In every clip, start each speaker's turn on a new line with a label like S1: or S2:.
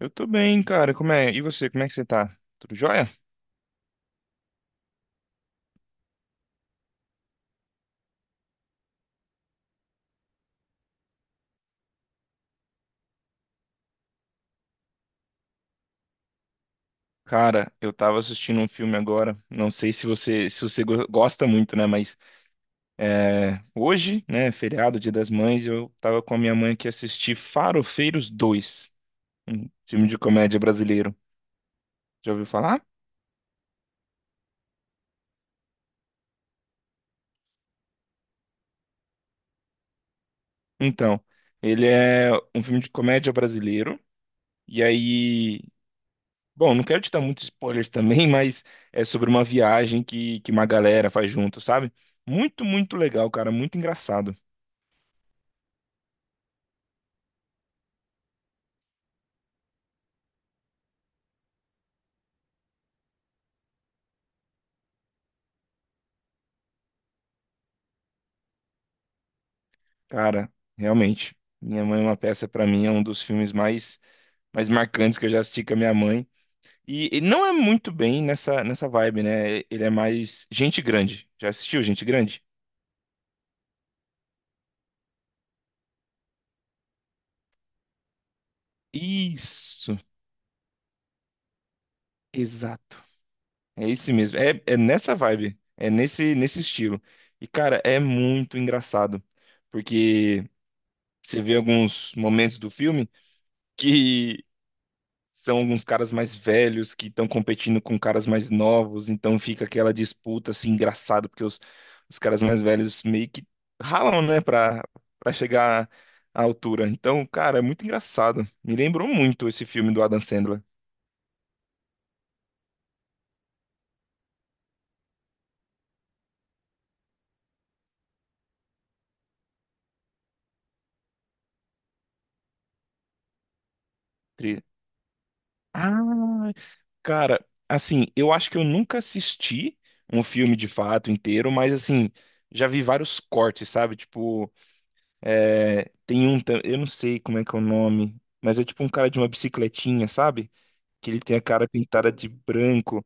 S1: Eu tô bem, cara. Como é? E você, como é que você tá? Tudo jóia? Cara, eu tava assistindo um filme agora. Não sei se você gosta muito, né? Mas é, hoje, né, feriado, Dia das Mães, eu tava com a minha mãe que assisti Farofeiros dois, um filme de comédia brasileiro. Já ouviu falar? Então, ele é um filme de comédia brasileiro. E aí, bom, não quero te dar muitos spoilers também, mas é sobre uma viagem que uma galera faz junto, sabe? Muito, muito legal, cara, muito engraçado. Cara, realmente, Minha Mãe é uma Peça, pra mim, é um dos filmes mais, mais marcantes que eu já assisti com a minha mãe. E não é muito bem nessa vibe, né? Ele é mais Gente Grande. Já assistiu Gente Grande? Isso, exato. É esse mesmo. É, é nessa vibe, é nesse estilo. E, cara, é muito engraçado, porque você vê alguns momentos do filme que são alguns caras mais velhos que estão competindo com caras mais novos, então fica aquela disputa assim engraçada, porque os caras mais velhos meio que ralam, né, pra chegar à altura. Então, cara, é muito engraçado. Me lembrou muito esse filme do Adam Sandler. Tri- Ah, cara, assim, eu acho que eu nunca assisti um filme de fato inteiro, mas assim, já vi vários cortes, sabe? Tipo, é, tem um, eu não sei como é que é o nome, mas é tipo um cara de uma bicicletinha, sabe? Que ele tem a cara pintada de branco.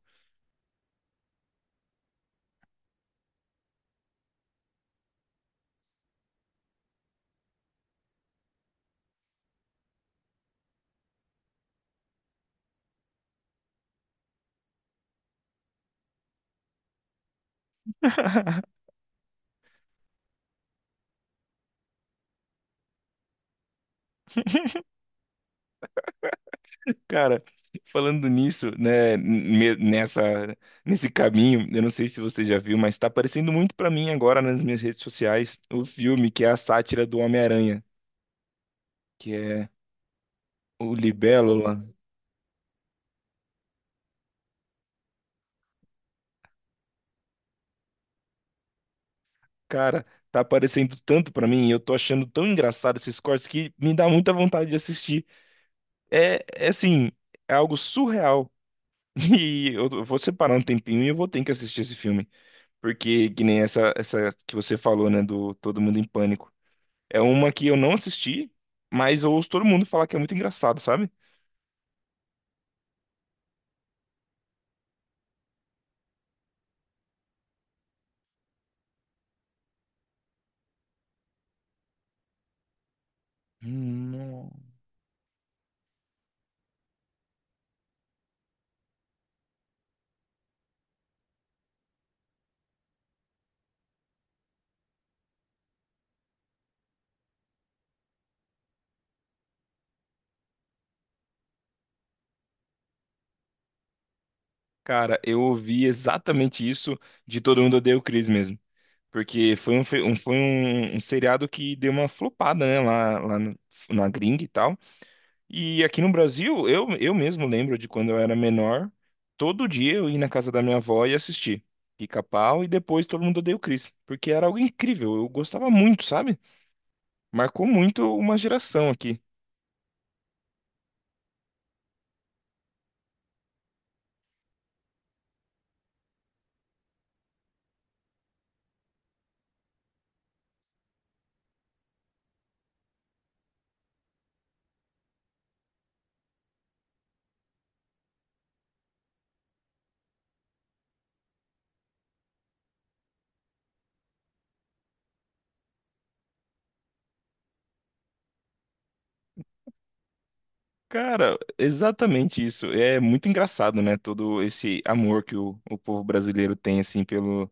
S1: Cara, falando nisso, né, nessa, nesse caminho, eu não sei se você já viu, mas tá aparecendo muito pra mim agora nas minhas redes sociais o filme que é a sátira do Homem-Aranha, que é o Libélula. Cara, tá aparecendo tanto pra mim e eu tô achando tão engraçado esses cortes que me dá muita vontade de assistir. É, é assim, é algo surreal. E eu vou separar um tempinho e eu vou ter que assistir esse filme. Porque, que nem essa que você falou, né, do Todo Mundo em Pânico. É uma que eu não assisti, mas eu ouço todo mundo falar que é muito engraçado, sabe? Hum. Cara, eu ouvi exatamente isso de Todo Mundo Odeia o Chris mesmo. Porque foi um um seriado que deu uma flopada, né, lá na gringa e tal. E aqui no Brasil, eu mesmo lembro de quando eu era menor, todo dia eu ia na casa da minha avó e assistir Pica-Pau e depois Todo Mundo Odeia o Chris, porque era algo incrível, eu gostava muito, sabe? Marcou muito uma geração aqui. Cara, exatamente isso. É muito engraçado, né? Todo esse amor que o povo brasileiro tem, assim, pelo,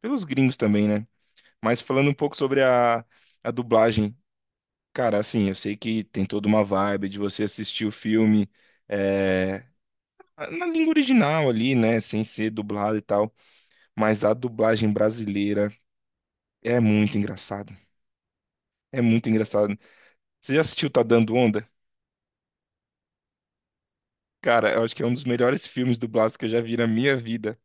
S1: pelos gringos também, né? Mas falando um pouco sobre a dublagem, cara, assim, eu sei que tem toda uma vibe de você assistir o filme eh, na língua original ali, né? Sem ser dublado e tal. Mas a dublagem brasileira é muito engraçada. É muito engraçada. Você já assistiu Tá Dando Onda? Cara, eu acho que é um dos melhores filmes dublados que eu já vi na minha vida.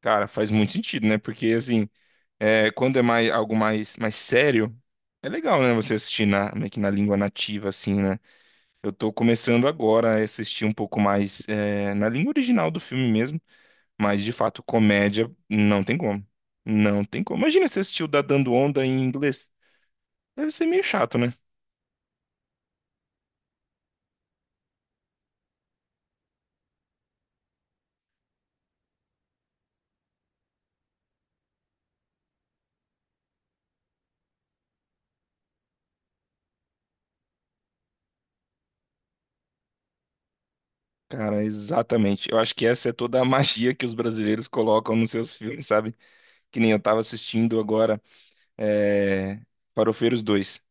S1: Cara, faz muito sentido, né? Porque, assim, é, quando é mais, algo mais, mais sério, é legal, né? Você assistir na, meio que na língua nativa, assim, né? Eu tô começando agora a assistir um pouco mais, é, na língua original do filme mesmo. Mas, de fato, comédia não tem como. Não tem como. Imagina se assistiu da Dando Onda em inglês. Deve ser meio chato, né? Cara, exatamente. Eu acho que essa é toda a magia que os brasileiros colocam nos seus filmes, sabe? Que nem eu tava assistindo agora é... Farofeiros 2.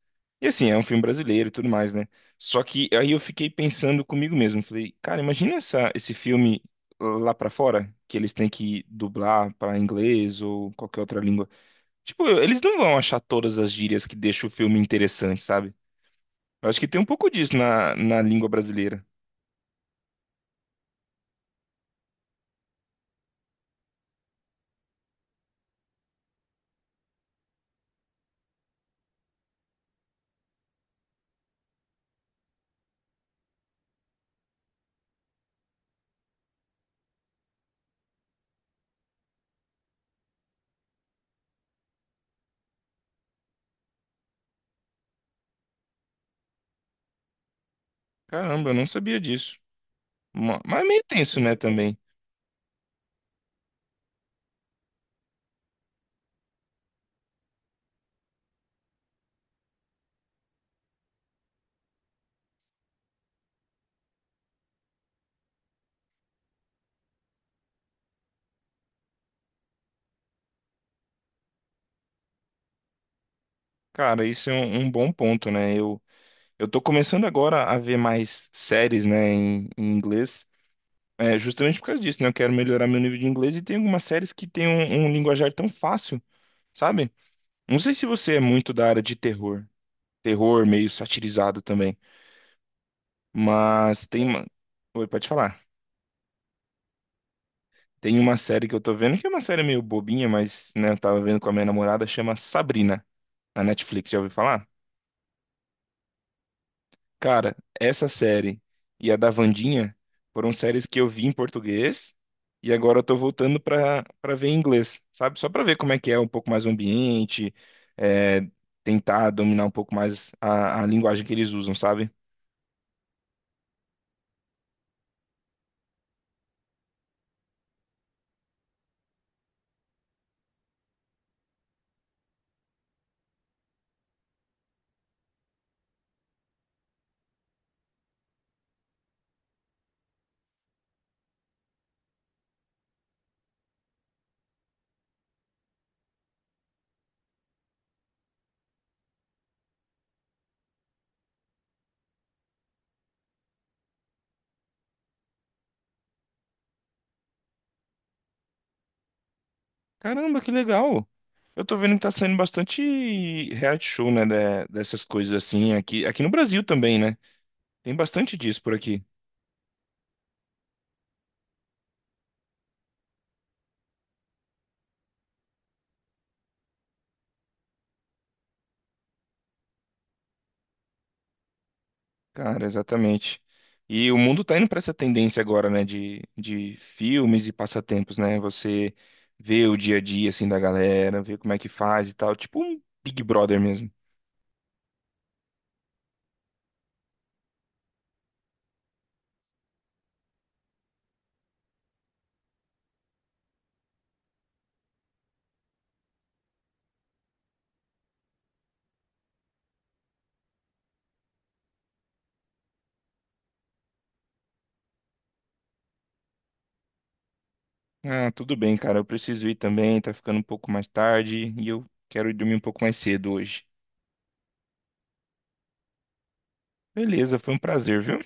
S1: E assim, é um filme brasileiro e tudo mais, né? Só que aí eu fiquei pensando comigo mesmo. Falei, cara, imagina esse filme lá pra fora, que eles têm que dublar pra inglês ou qualquer outra língua. Tipo, eles não vão achar todas as gírias que deixam o filme interessante, sabe? Eu acho que tem um pouco disso na língua brasileira. Caramba, eu não sabia disso. Mas é meio tenso, né, também. Cara, isso é um bom ponto, né? Eu tô começando agora a ver mais séries, né, em inglês. É, justamente por causa disso, né? Eu quero melhorar meu nível de inglês e tem algumas séries que tem um linguajar tão fácil, sabe? Não sei se você é muito da área de terror. Terror meio satirizado também. Mas tem uma... Oi, pode falar. Tem uma série que eu tô vendo, que é uma série meio bobinha, mas, né, eu tava vendo com a minha namorada, chama Sabrina, na Netflix, já ouviu falar? Cara, essa série e a da Wandinha foram séries que eu vi em português e agora eu tô voltando pra ver em inglês, sabe? Só pra ver como é que é um pouco mais o ambiente, é, tentar dominar um pouco mais a linguagem que eles usam, sabe? Caramba, que legal! Eu tô vendo que tá saindo bastante reality show, né, de- dessas coisas assim, aqui, aqui no Brasil também, né? Tem bastante disso por aqui. Cara, exatamente. E o mundo tá indo pra essa tendência agora, né, de filmes e passatempos, né? Você vê o dia a dia, assim, da galera, vê como é que faz e tal. Tipo um Big Brother mesmo. Ah, tudo bem, cara, eu preciso ir também, tá ficando um pouco mais tarde e eu quero ir dormir um pouco mais cedo hoje. Beleza, foi um prazer, viu?